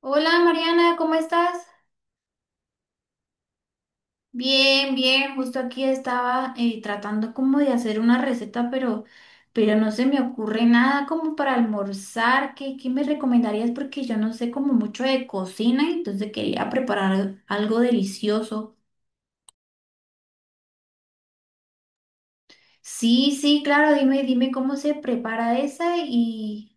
Hola, Mariana, ¿cómo estás? Bien, bien, justo aquí estaba tratando como de hacer una receta, pero no se me ocurre nada como para almorzar. ¿Qué me recomendarías? Porque yo no sé como mucho de cocina, entonces quería preparar algo delicioso. Sí, sí, claro, dime cómo se prepara esa y,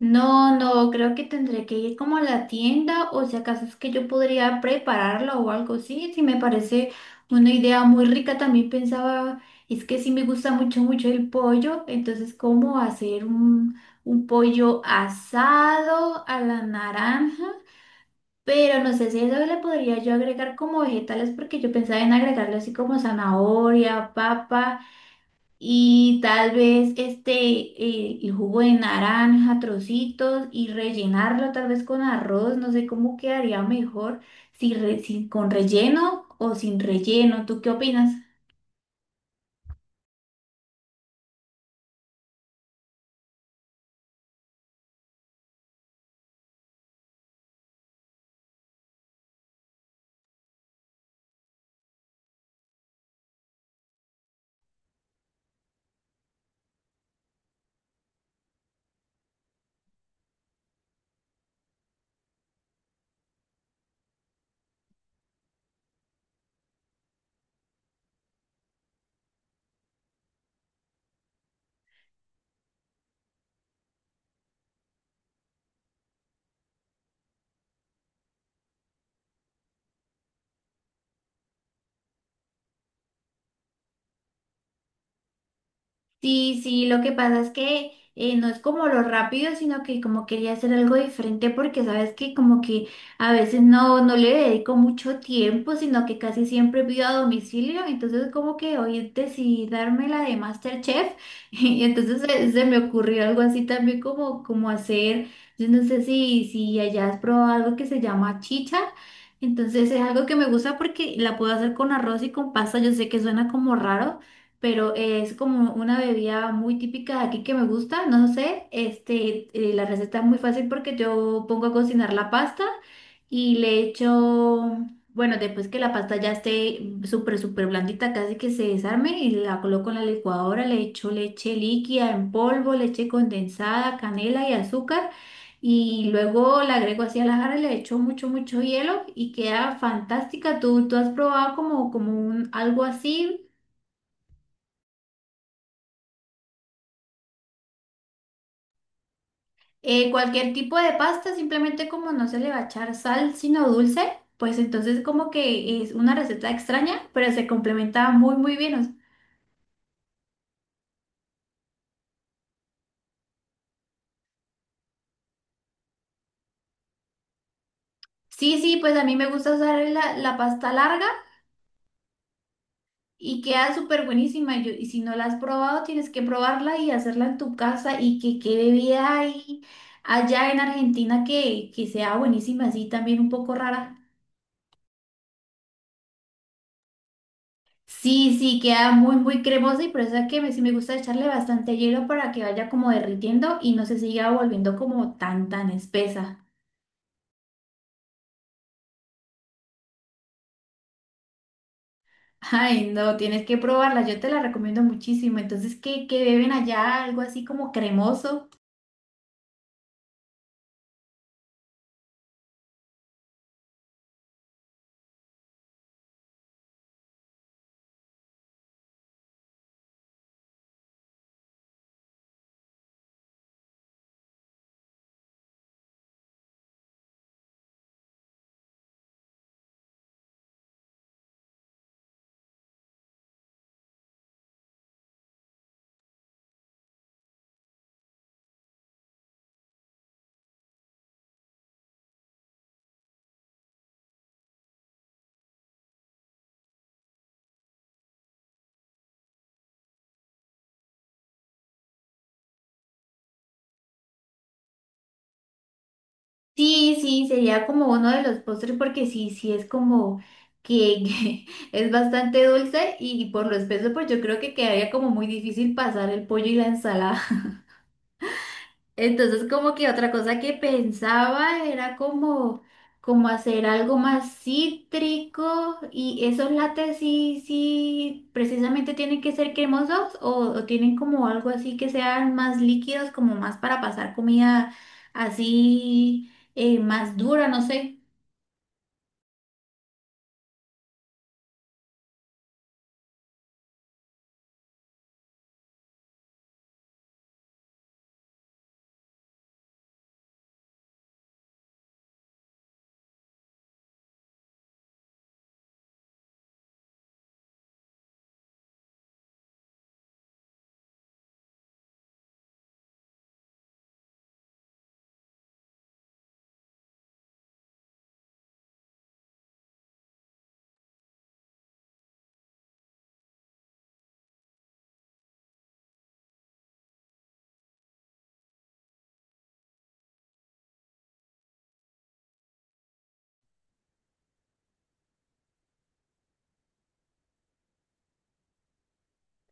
no, no, creo que tendré que ir como a la tienda o si acaso es que yo podría prepararlo o algo así, si me parece una idea muy rica. También pensaba, es que sí me gusta mucho, mucho el pollo, entonces cómo hacer un pollo asado a la naranja, pero no sé si eso le podría yo agregar como vegetales porque yo pensaba en agregarle así como zanahoria, papa. Y tal vez este, el jugo de naranja, trocitos y rellenarlo tal vez con arroz, no sé cómo quedaría mejor, si, si con relleno o sin relleno. ¿Tú qué opinas? Sí, sí, lo que pasa es que no es como lo rápido, sino que como quería hacer algo diferente porque sabes que como que a veces no, no le dedico mucho tiempo, sino que casi siempre pido a domicilio, entonces como que hoy decidí darme la de MasterChef y entonces se me ocurrió algo así también como, como hacer, yo no sé si allá has probado algo que se llama chicha. Entonces es algo que me gusta porque la puedo hacer con arroz y con pasta. Yo sé que suena como raro, pero es como una bebida muy típica de aquí que me gusta, no sé, este, la receta es muy fácil porque yo pongo a cocinar la pasta y le echo, bueno, después que la pasta ya esté súper, súper blandita, casi que se desarme y la coloco en la licuadora, le echo leche líquida en polvo, leche condensada, canela y azúcar. Y luego la agrego así a la jarra y le echo mucho, mucho hielo y queda fantástica. ¿Tú, tú has probado como, como un, algo así? Cualquier tipo de pasta, simplemente como no se le va a echar sal, sino dulce, pues entonces como que es una receta extraña, pero se complementa muy, muy bien. O sea, sí, sí, pues a mí me gusta usar la pasta larga y queda súper buenísima. Y, y si no la has probado, tienes que probarla y hacerla en tu casa y que quede vida ahí allá en Argentina que sea buenísima, así también un poco rara. Sí, sí, queda muy, muy cremosa y por eso es que me, sí me gusta echarle bastante hielo para que vaya como derritiendo y no se siga volviendo como tan, tan espesa. Ay, no, tienes que probarla, yo te la recomiendo muchísimo. Entonces, ¿qué beben allá? Algo así como cremoso. Sí, sí, sería como uno de los postres porque sí, sí es como que es bastante dulce y por lo espeso, pues yo creo que quedaría como muy difícil pasar el pollo y la ensalada. Entonces, como que otra cosa que pensaba era como, como hacer algo más cítrico y esos lates sí, sí, precisamente tienen que ser cremosos o tienen como algo así que sean más líquidos, como más para pasar comida así más dura, no sé.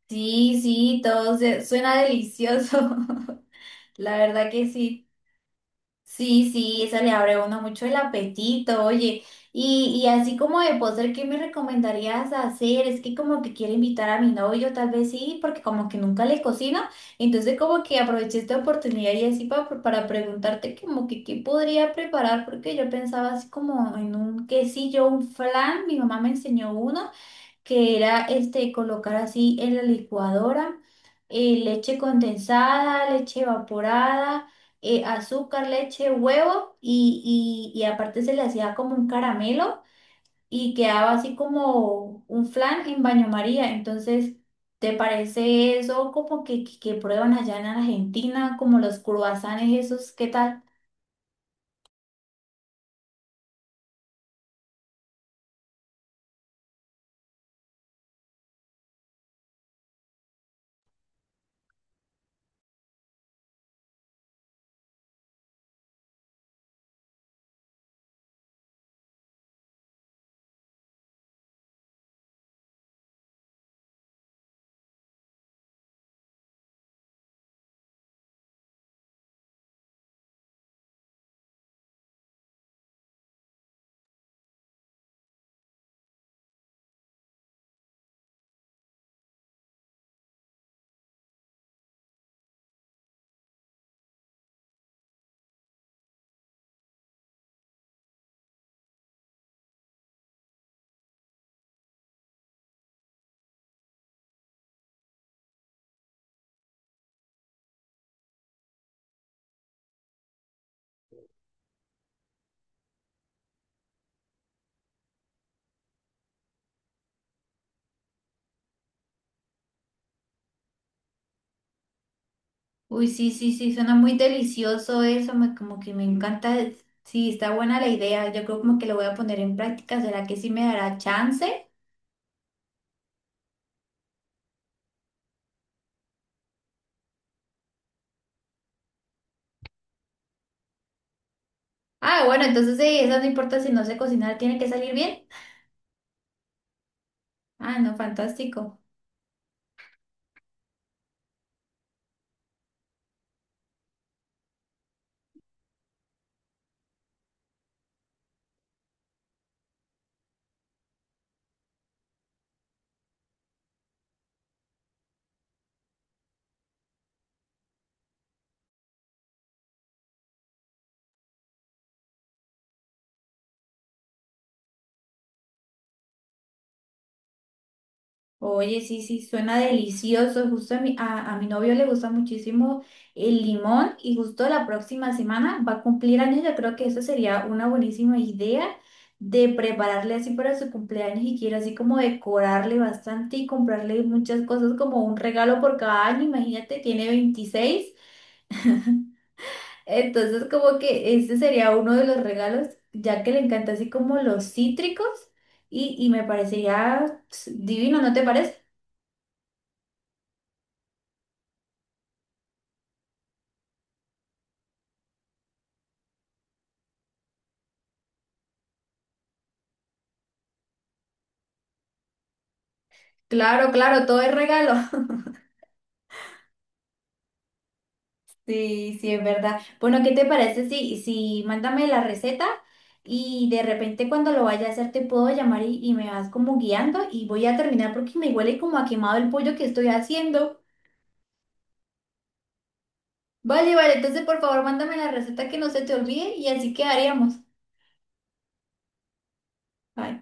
Sí, sí, todo suena delicioso. La verdad que sí. Sí, sí, eso le abre a uno mucho el apetito, oye. Y así como de postre, ¿qué me recomendarías hacer? Es que como que quiero invitar a mi novio, tal vez sí, porque como que nunca le cocino. Entonces como que aproveché esta oportunidad y así para preguntarte como que qué podría preparar, porque yo pensaba así como en un quesillo, un flan, mi mamá me enseñó uno que era este, colocar así en la licuadora leche condensada, leche evaporada, azúcar, leche, huevo y aparte se le hacía como un caramelo y quedaba así como un flan en baño María. Entonces, ¿te parece eso como que, que prueban allá en Argentina, como los cruasanes esos? ¿Qué tal? Uy, sí, sí, sí, suena muy delicioso eso, me, como que me encanta. Sí, está buena la idea. Yo creo como que lo voy a poner en práctica. ¿Será que sí me dará chance? Ah, bueno, entonces sí, eso no importa si no sé cocinar, tiene que salir bien. Ah, no, fantástico. Oye, sí, sí, suena delicioso. Justo a mi, a mi novio le gusta muchísimo el limón y justo la próxima semana va a cumplir años. Yo creo que eso sería una buenísima idea de prepararle así para su cumpleaños y quiero así como decorarle bastante y comprarle muchas cosas como un regalo por cada año. Imagínate, tiene 26. Entonces como que ese sería uno de los regalos, ya que le encanta así como los cítricos y me parecería pss, divino, ¿no te parece? Claro, claro, todo es regalo. Sí, sí, es verdad. Bueno, ¿qué te parece si mándame la receta y de repente cuando lo vaya a hacer te puedo llamar y me vas como guiando y voy a terminar porque me huele como a quemado el pollo que estoy haciendo. Vale, vale, entonces por favor mándame la receta que no se te olvide y así quedaríamos. Bye.